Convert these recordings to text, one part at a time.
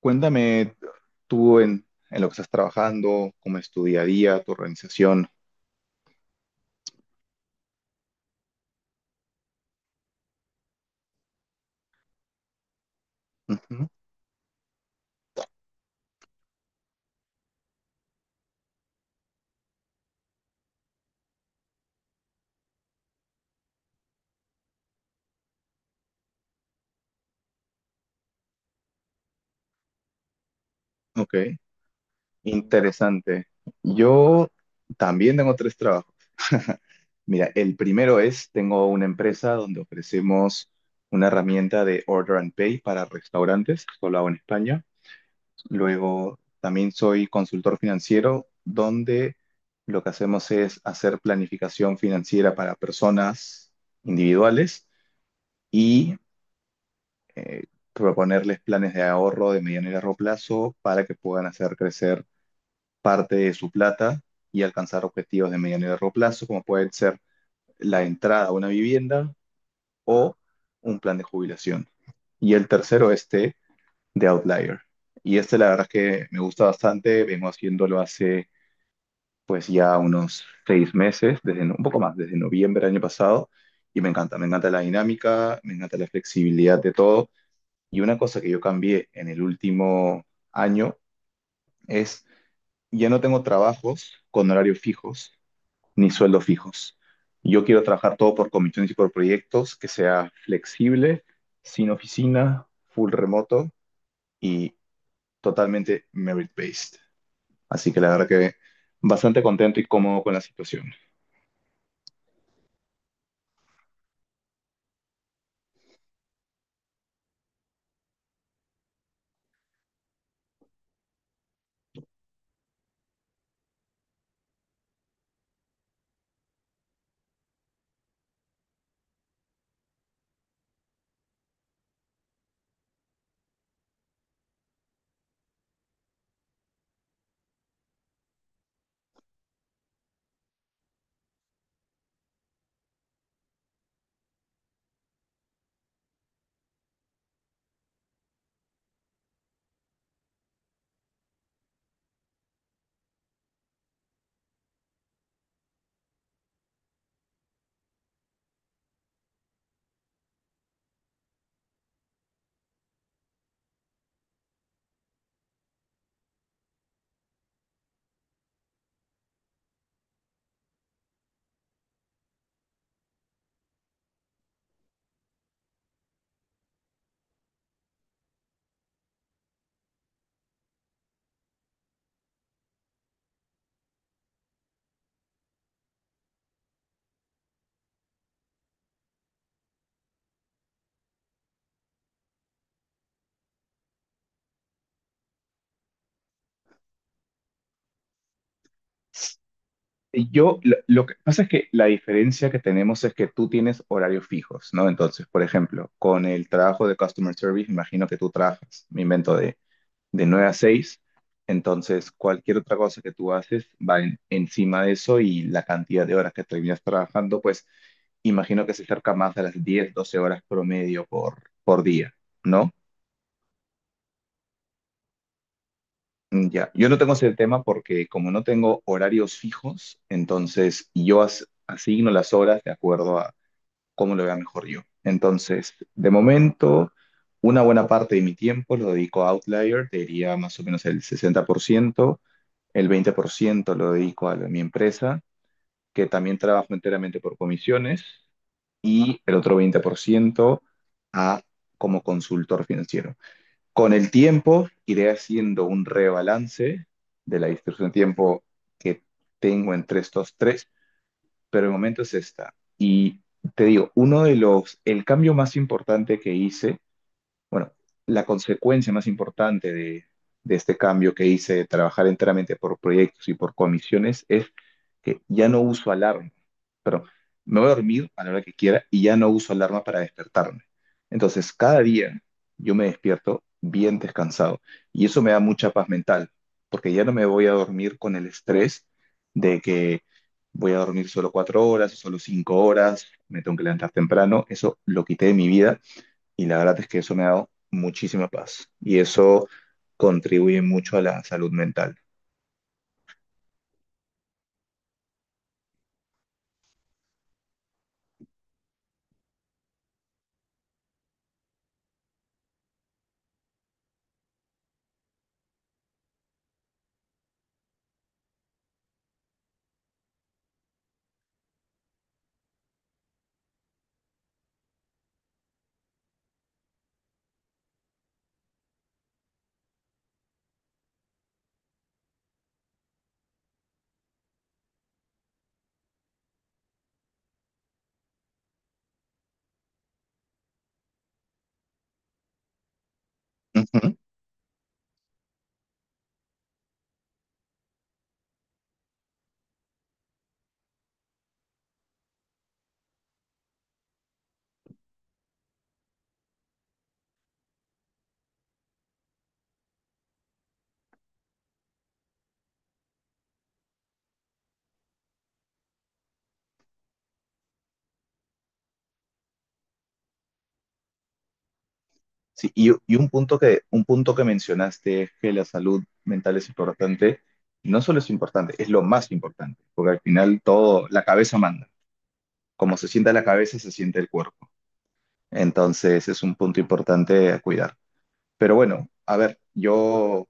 Cuéntame tú en, en lo que estás trabajando, cómo es tu día a día, tu organización. Ujú. Ok, interesante. Yo también tengo tres trabajos. Mira, el primero es, tengo una empresa donde ofrecemos una herramienta de Order and Pay para restaurantes, esto lo hago en España. Luego, también soy consultor financiero, donde lo que hacemos es hacer planificación financiera para personas individuales y eh, proponerles planes de ahorro de mediano y largo plazo para que puedan hacer crecer parte de su plata y alcanzar objetivos de mediano y largo plazo, como pueden ser la entrada a una vivienda o un plan de jubilación. Y el tercero, este de Outlier. Y este la verdad es que me gusta bastante, vengo haciéndolo hace pues ya unos 6 meses, desde, un poco más, desde noviembre del año pasado, y me encanta la dinámica, me encanta la flexibilidad de todo. Y una cosa que yo cambié en el último año es, ya no tengo trabajos con horarios fijos ni sueldos fijos. Yo quiero trabajar todo por comisiones y por proyectos, que sea flexible, sin oficina, full remoto y totalmente merit-based. Así que la verdad que bastante contento y cómodo con la situación. Yo, lo que pasa es que la diferencia que tenemos es que tú tienes horarios fijos, ¿no? Entonces, por ejemplo, con el trabajo de Customer Service, me imagino que tú trabajas, me invento, de 9 a 6. Entonces, cualquier otra cosa que tú haces va encima de eso y la cantidad de horas que terminas trabajando, pues imagino que se acerca más a las 10 12 horas promedio por día, ¿no? Ya, yo no tengo ese tema porque como no tengo horarios fijos, entonces yo asigno las horas de acuerdo a cómo lo vea mejor yo. Entonces, de momento, una buena parte de mi tiempo lo dedico a Outlier, te diría más o menos el 60%. El 20% lo dedico a mi empresa, que también trabajo enteramente por comisiones, y el otro 20% a como consultor financiero. Con el tiempo iré haciendo un rebalance de la distribución de tiempo que tengo entre estos tres, pero el momento es esta. Y te digo, uno de los, el cambio más importante que hice, bueno, la consecuencia más importante de este cambio que hice de trabajar enteramente por proyectos y por comisiones es que ya no uso alarma, pero me voy a dormir a la hora que quiera y ya no uso alarma para despertarme. Entonces, cada día yo me despierto bien descansado y eso me da mucha paz mental, porque ya no me voy a dormir con el estrés de que voy a dormir solo 4 horas, solo 5 horas, me tengo que levantar temprano. Eso lo quité de mi vida y la verdad es que eso me ha dado muchísima paz y eso contribuye mucho a la salud mental. Ujú. Sí, y un punto un punto que mencionaste es que la salud mental es importante. No solo es importante, es lo más importante, porque al final todo, la cabeza manda. Como se sienta la cabeza, se siente el cuerpo. Entonces es un punto importante a cuidar. Pero bueno, a ver, yo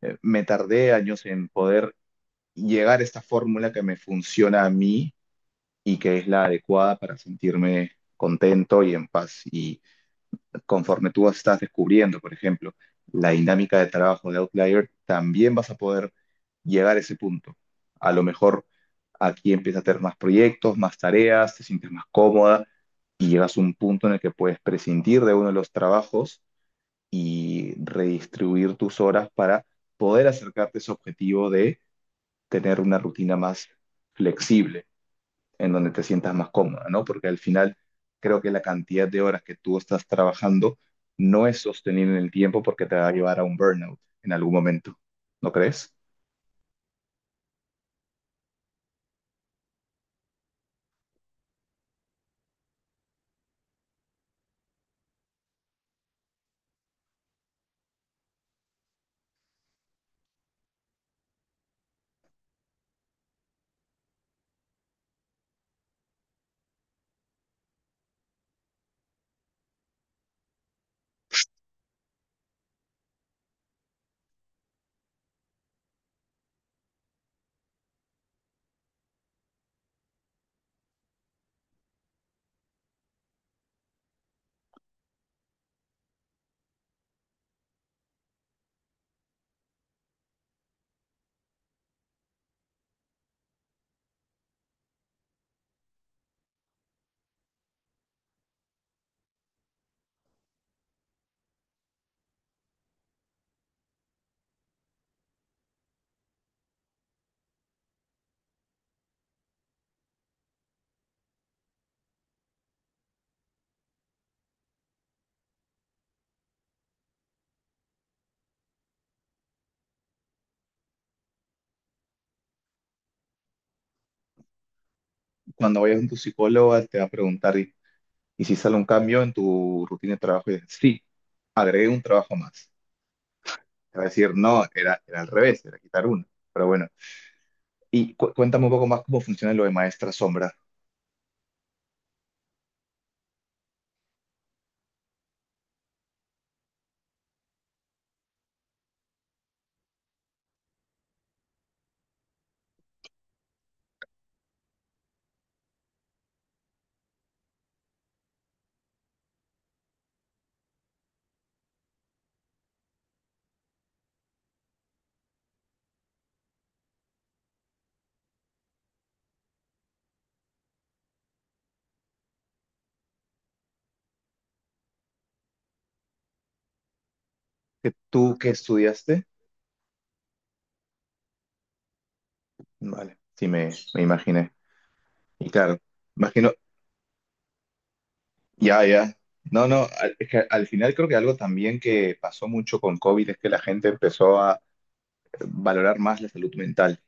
me tardé años en poder llegar a esta fórmula que me funciona a mí y que es la adecuada para sentirme contento y en paz. Y conforme tú estás descubriendo, por ejemplo, la dinámica de trabajo de Outlier, también vas a poder llegar a ese punto. A lo mejor aquí empiezas a tener más proyectos, más tareas, te sientes más cómoda y llegas a un punto en el que puedes prescindir de uno de los trabajos y redistribuir tus horas para poder acercarte a ese objetivo de tener una rutina más flexible en donde te sientas más cómoda, ¿no? Porque al final creo que la cantidad de horas que tú estás trabajando no es sostenible en el tiempo porque te va a llevar a un burnout en algún momento, ¿no crees? Cuando vayas con tu psicóloga te va a preguntar, y si sale un cambio en tu rutina de trabajo? Y dices, sí, agregué un trabajo más. Te va a decir, no, era al revés, era quitar uno. Pero bueno, y cuéntame un poco más cómo funciona lo de maestra sombra. ¿Que ¿Tú qué estudiaste? Vale, sí me imaginé. Y claro, imagino. Ya, ya. No, no, es que al final creo que algo también que pasó mucho con COVID es que la gente empezó a valorar más la salud mental.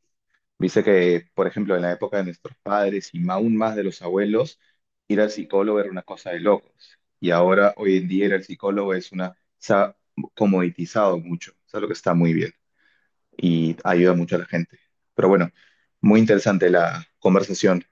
Dice que, por ejemplo, en la época de nuestros padres y aún más de los abuelos, ir al psicólogo era una cosa de locos. Y ahora, hoy en día, ir al psicólogo es una... Se ha comoditizado mucho. Eso es lo que está muy bien y ayuda mucho a la gente. Pero bueno, muy interesante la conversación.